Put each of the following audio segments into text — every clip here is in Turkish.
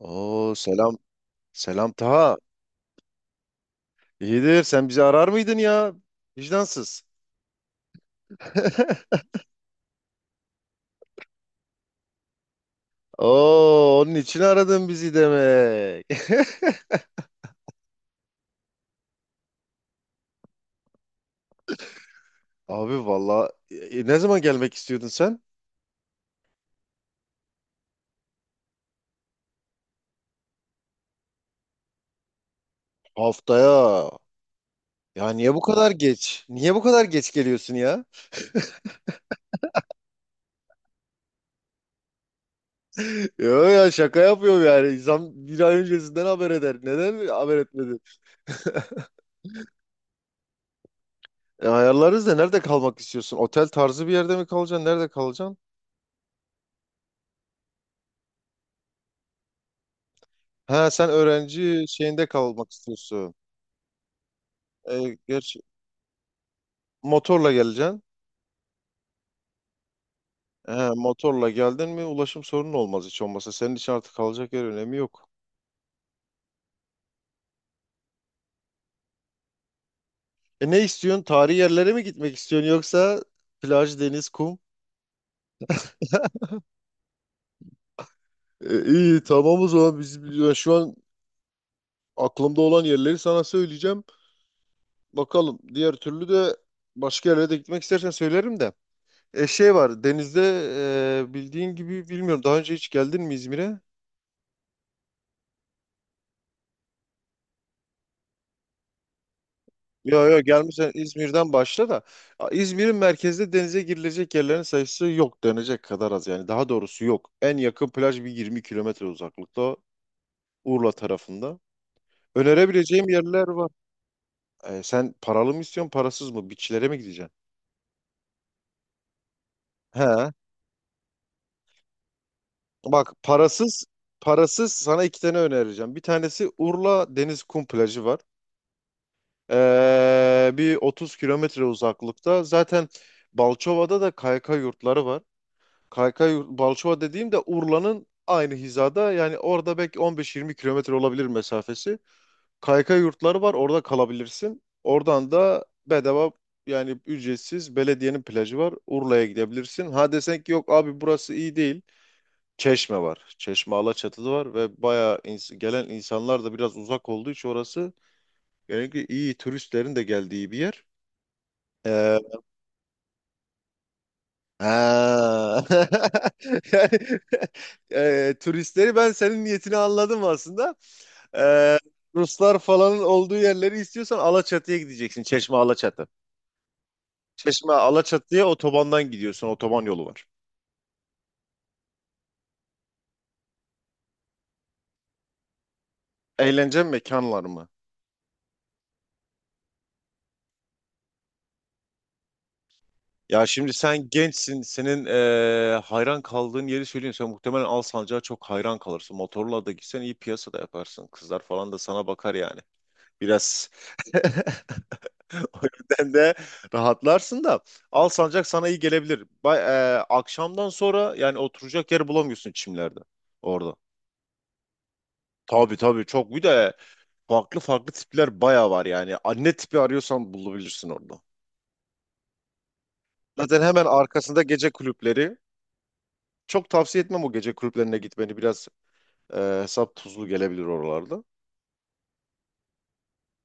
Oo selam. Selam Taha. İyidir. Sen bizi arar mıydın ya? Vicdansız. Oo, onun için aradın bizi demek. Abi valla, ne zaman gelmek istiyordun sen? Haftaya. Ya niye bu kadar geç? Niye bu kadar geç geliyorsun ya? Yo ya, şaka yapıyorum yani. İnsan bir ay öncesinden haber eder. Neden haber etmedin? Ayarlarız da, nerede kalmak istiyorsun? Otel tarzı bir yerde mi kalacaksın? Nerede kalacaksın? Ha, sen öğrenci şeyinde kalmak istiyorsun. Gerçi motorla geleceksin. He, motorla geldin mi ulaşım sorunu olmaz hiç olmasa. Senin için artık kalacak yer önemi yok. Ne istiyorsun? Tarihi yerlere mi gitmek istiyorsun, yoksa plaj, deniz, kum? İyi tamam. O zaman ben şu an aklımda olan yerleri sana söyleyeceğim. Bakalım, diğer türlü de başka yerlere de gitmek istersen söylerim de. E şey var denizde, bildiğin gibi. Bilmiyorum, daha önce hiç geldin mi İzmir'e? Yo yo, gelmişsen İzmir'den başla da, İzmir'in merkezde denize girilecek yerlerin sayısı yok denecek kadar az, yani daha doğrusu yok. En yakın plaj bir 20 kilometre uzaklıkta, Urla tarafında. Önerebileceğim yerler var. Sen paralı mı istiyorsun, parasız mı? Beachlere mi gideceksin? He. Bak, parasız sana iki tane önereceğim. Bir tanesi, Urla Deniz Kum Plajı var. Bir 30 kilometre uzaklıkta. Zaten Balçova'da da KYK yurtları var. Kaykay Balçova dediğim de Urla'nın aynı hizada, yani orada belki 15-20 kilometre olabilir mesafesi. Kaykay yurtları var, orada kalabilirsin. Oradan da bedava, yani ücretsiz belediyenin plajı var. Urla'ya gidebilirsin. Ha, desen ki yok abi burası iyi değil. Çeşme var. Çeşme Alaçatı'da var ve bayağı, gelen insanlar da biraz uzak olduğu için orası, yani iyi turistlerin de geldiği bir yer. Ee, Ha. Yani, turistleri, ben senin niyetini anladım aslında. E, Ruslar falan olduğu yerleri istiyorsan Alaçatı'ya gideceksin. Çeşme Alaçatı. Çeşme Alaçatı'ya otobandan gidiyorsun. Otoban yolu var. Eğlence mekanlar mı? Ya şimdi sen gençsin. Senin hayran kaldığın yeri söyleyeyim. Sen muhtemelen Alsancak'a çok hayran kalırsın. Motorla da gitsen iyi piyasa da yaparsın. Kızlar falan da sana bakar yani. Biraz O yüzden de rahatlarsın da, Alsancak sana iyi gelebilir. Akşamdan sonra yani oturacak yer bulamıyorsun çimlerde orada. Tabii tabii, çok, bir de farklı farklı tipler bayağı var yani. Anne tipi arıyorsan bulabilirsin orada. Zaten hemen arkasında gece kulüpleri. Çok tavsiye etmem o gece kulüplerine gitmeni. Biraz hesap tuzlu gelebilir oralarda.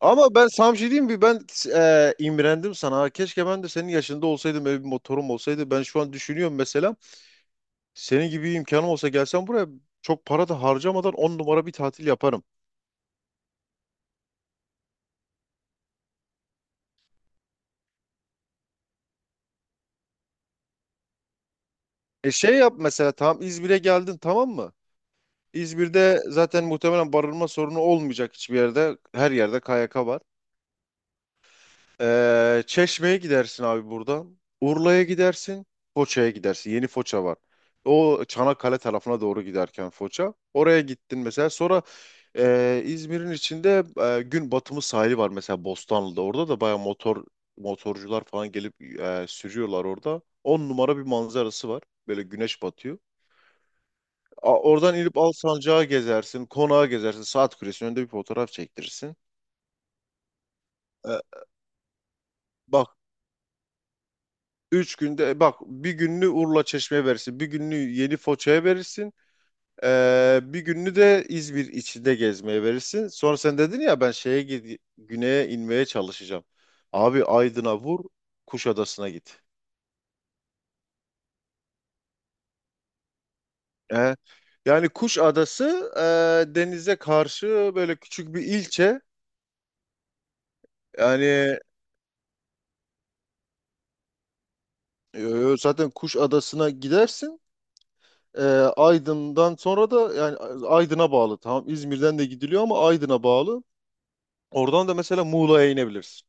Ama ben sana bir şey diyeyim mi? Ben imrendim sana. Keşke ben de senin yaşında olsaydım. Böyle bir motorum olsaydı. Ben şu an düşünüyorum mesela. Senin gibi bir imkanım olsa, gelsem buraya çok para da harcamadan on numara bir tatil yaparım. Şey yap mesela, tamam İzmir'e geldin tamam mı? İzmir'de zaten muhtemelen barınma sorunu olmayacak hiçbir yerde. Her yerde KYK var. Çeşme'ye gidersin abi buradan. Urla'ya gidersin. Foça'ya gidersin. Yeni Foça var. O Çanakkale tarafına doğru giderken Foça. Oraya gittin mesela. Sonra İzmir'in içinde gün batımı sahili var mesela Bostanlı'da. Orada da baya motorcular falan gelip sürüyorlar orada. On numara bir manzarası var. Böyle güneş batıyor. Oradan inip Alsancak'a gezersin. Konağa gezersin. Saat Kulesi'nin önünde bir fotoğraf çektirirsin. Ee, Bak, üç günde, bak, bir gününü Urla Çeşme'ye verirsin. Bir gününü Yeni Foça'ya verirsin. Bir gününü de İzmir içinde gezmeye verirsin. Sonra sen dedin ya, ben şeye güneye inmeye çalışacağım. Abi Aydın'a vur, Kuşadası'na git. Ee, Yani Kuşadası denize karşı böyle küçük bir ilçe. Yani zaten Kuşadası'na gidersin. E, Aydın'dan sonra da yani Aydın'a bağlı. Tamam, İzmir'den de gidiliyor ama Aydın'a bağlı. Oradan da mesela Muğla'ya inebilirsin.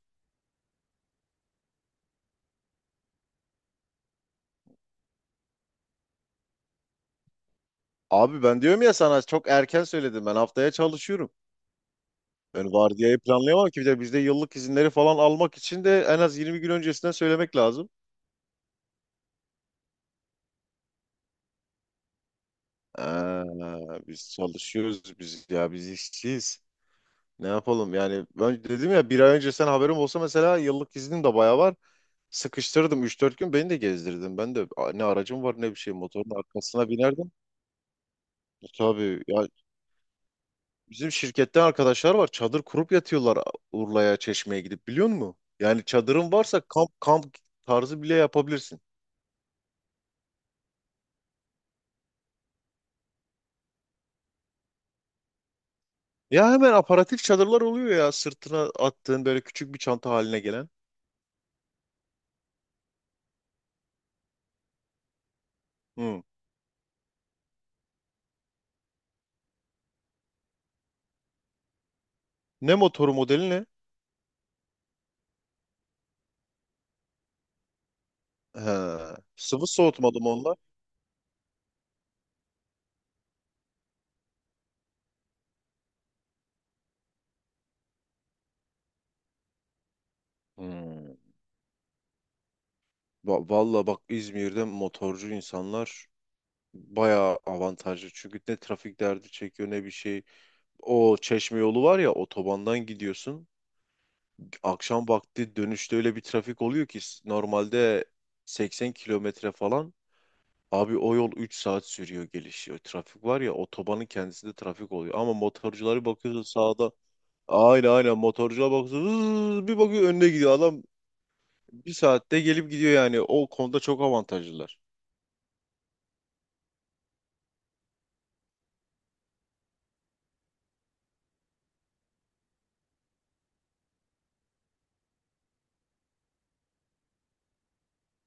Abi ben diyorum ya sana, çok erken söyledim, ben haftaya çalışıyorum. Ben vardiyayı planlayamam ki, bir de bizde yıllık izinleri falan almak için de en az 20 gün öncesinden söylemek lazım. Ee, Biz çalışıyoruz biz, ya biz işçiyiz. Ne yapalım yani. Ben dedim ya, bir ay önce sen haberim olsa mesela, yıllık iznim de bayağı var. Sıkıştırdım üç dört gün, beni de gezdirdim. Ben de ne aracım var ne bir şey, motorun arkasına binerdim. Tabii ya. Bizim şirkette arkadaşlar var. Çadır kurup yatıyorlar Urla'ya, Çeşme'ye gidip, biliyor musun? Yani çadırın varsa kamp tarzı bile yapabilirsin. Ya hemen aparatif çadırlar oluyor ya, sırtına attığın böyle küçük bir çanta haline gelen. Hı. Ne motoru, modeli ne? He. Sıvı soğutmalı mı onlar? Hmm. Valla bak, İzmir'de motorcu insanlar bayağı avantajlı. Çünkü ne trafik derdi çekiyor ne bir şey. O Çeşme yolu var ya, otobandan gidiyorsun. Akşam vakti dönüşte öyle bir trafik oluyor ki, normalde 80 kilometre falan. Abi o yol 3 saat sürüyor, gelişiyor. Trafik var ya, otobanın kendisinde trafik oluyor. Ama motorcuları bakıyorsun sağda. Aynen, aynen, motorcuya bakıyorsun. Hızz, bir bakıyor önüne gidiyor. Adam bir saatte gelip gidiyor yani. O konuda çok avantajlılar.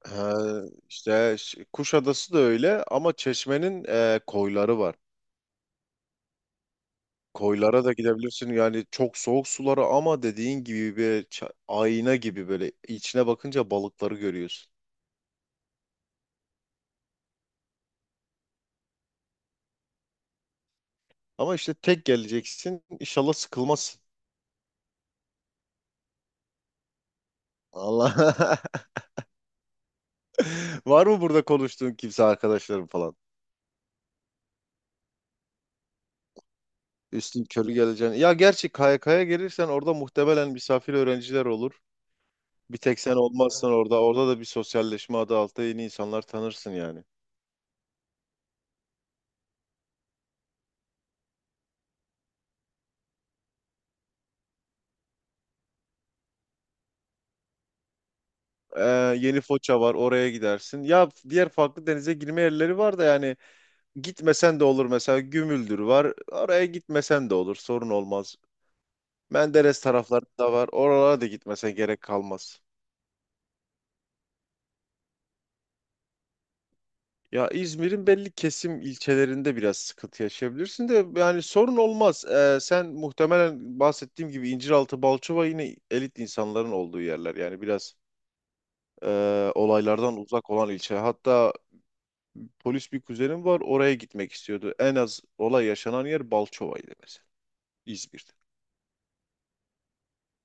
He, işte Kuşadası da öyle, ama Çeşme'nin koyları var. Koylara da gidebilirsin, yani çok soğuk sulara, ama dediğin gibi bir ayna gibi, böyle içine bakınca balıkları görüyorsun. Ama işte tek geleceksin, inşallah sıkılmazsın. Allah. Var mı burada konuştuğun kimse, arkadaşların falan? Üstün körü geleceğin. Ya, gerçi KYK'ya gelirsen orada muhtemelen misafir öğrenciler olur. Bir tek sen olmazsan orada. Orada da bir sosyalleşme adı altında yeni insanlar tanırsın yani. Ee, Yeni Foça var, oraya gidersin. Ya diğer farklı denize girme yerleri var da, yani gitmesen de olur, mesela Gümüldür var. Oraya gitmesen de olur, sorun olmaz. Menderes taraflarında var. Oralara da gitmese gerek kalmaz. Ya İzmir'in belli kesim ilçelerinde biraz sıkıntı yaşayabilirsin de, yani sorun olmaz. Sen muhtemelen, bahsettiğim gibi, İnciraltı, Balçova yine elit insanların olduğu yerler. Yani biraz olaylardan uzak olan ilçe. Hatta polis bir kuzenim var, oraya gitmek istiyordu. En az olay yaşanan yer Balçova'ydı mesela İzmir'de.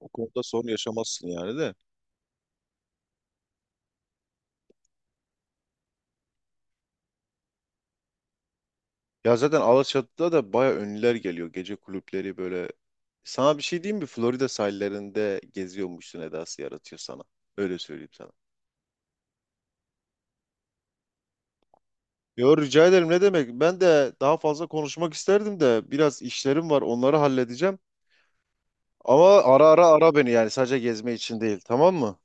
O konuda sorun yaşamazsın yani de. Ya zaten Alaçatı'da da baya ünlüler geliyor. Gece kulüpleri böyle. Sana bir şey diyeyim mi? Florida sahillerinde geziyormuşsun edası yaratıyor sana. Öyle söyleyeyim sana. Yo, rica ederim, ne demek. Ben de daha fazla konuşmak isterdim de biraz işlerim var, onları halledeceğim. Ama ara ara, ara beni, yani sadece gezme için değil, tamam mı?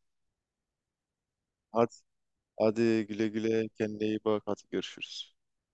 Hadi, hadi güle güle, kendine iyi bak, hadi görüşürüz.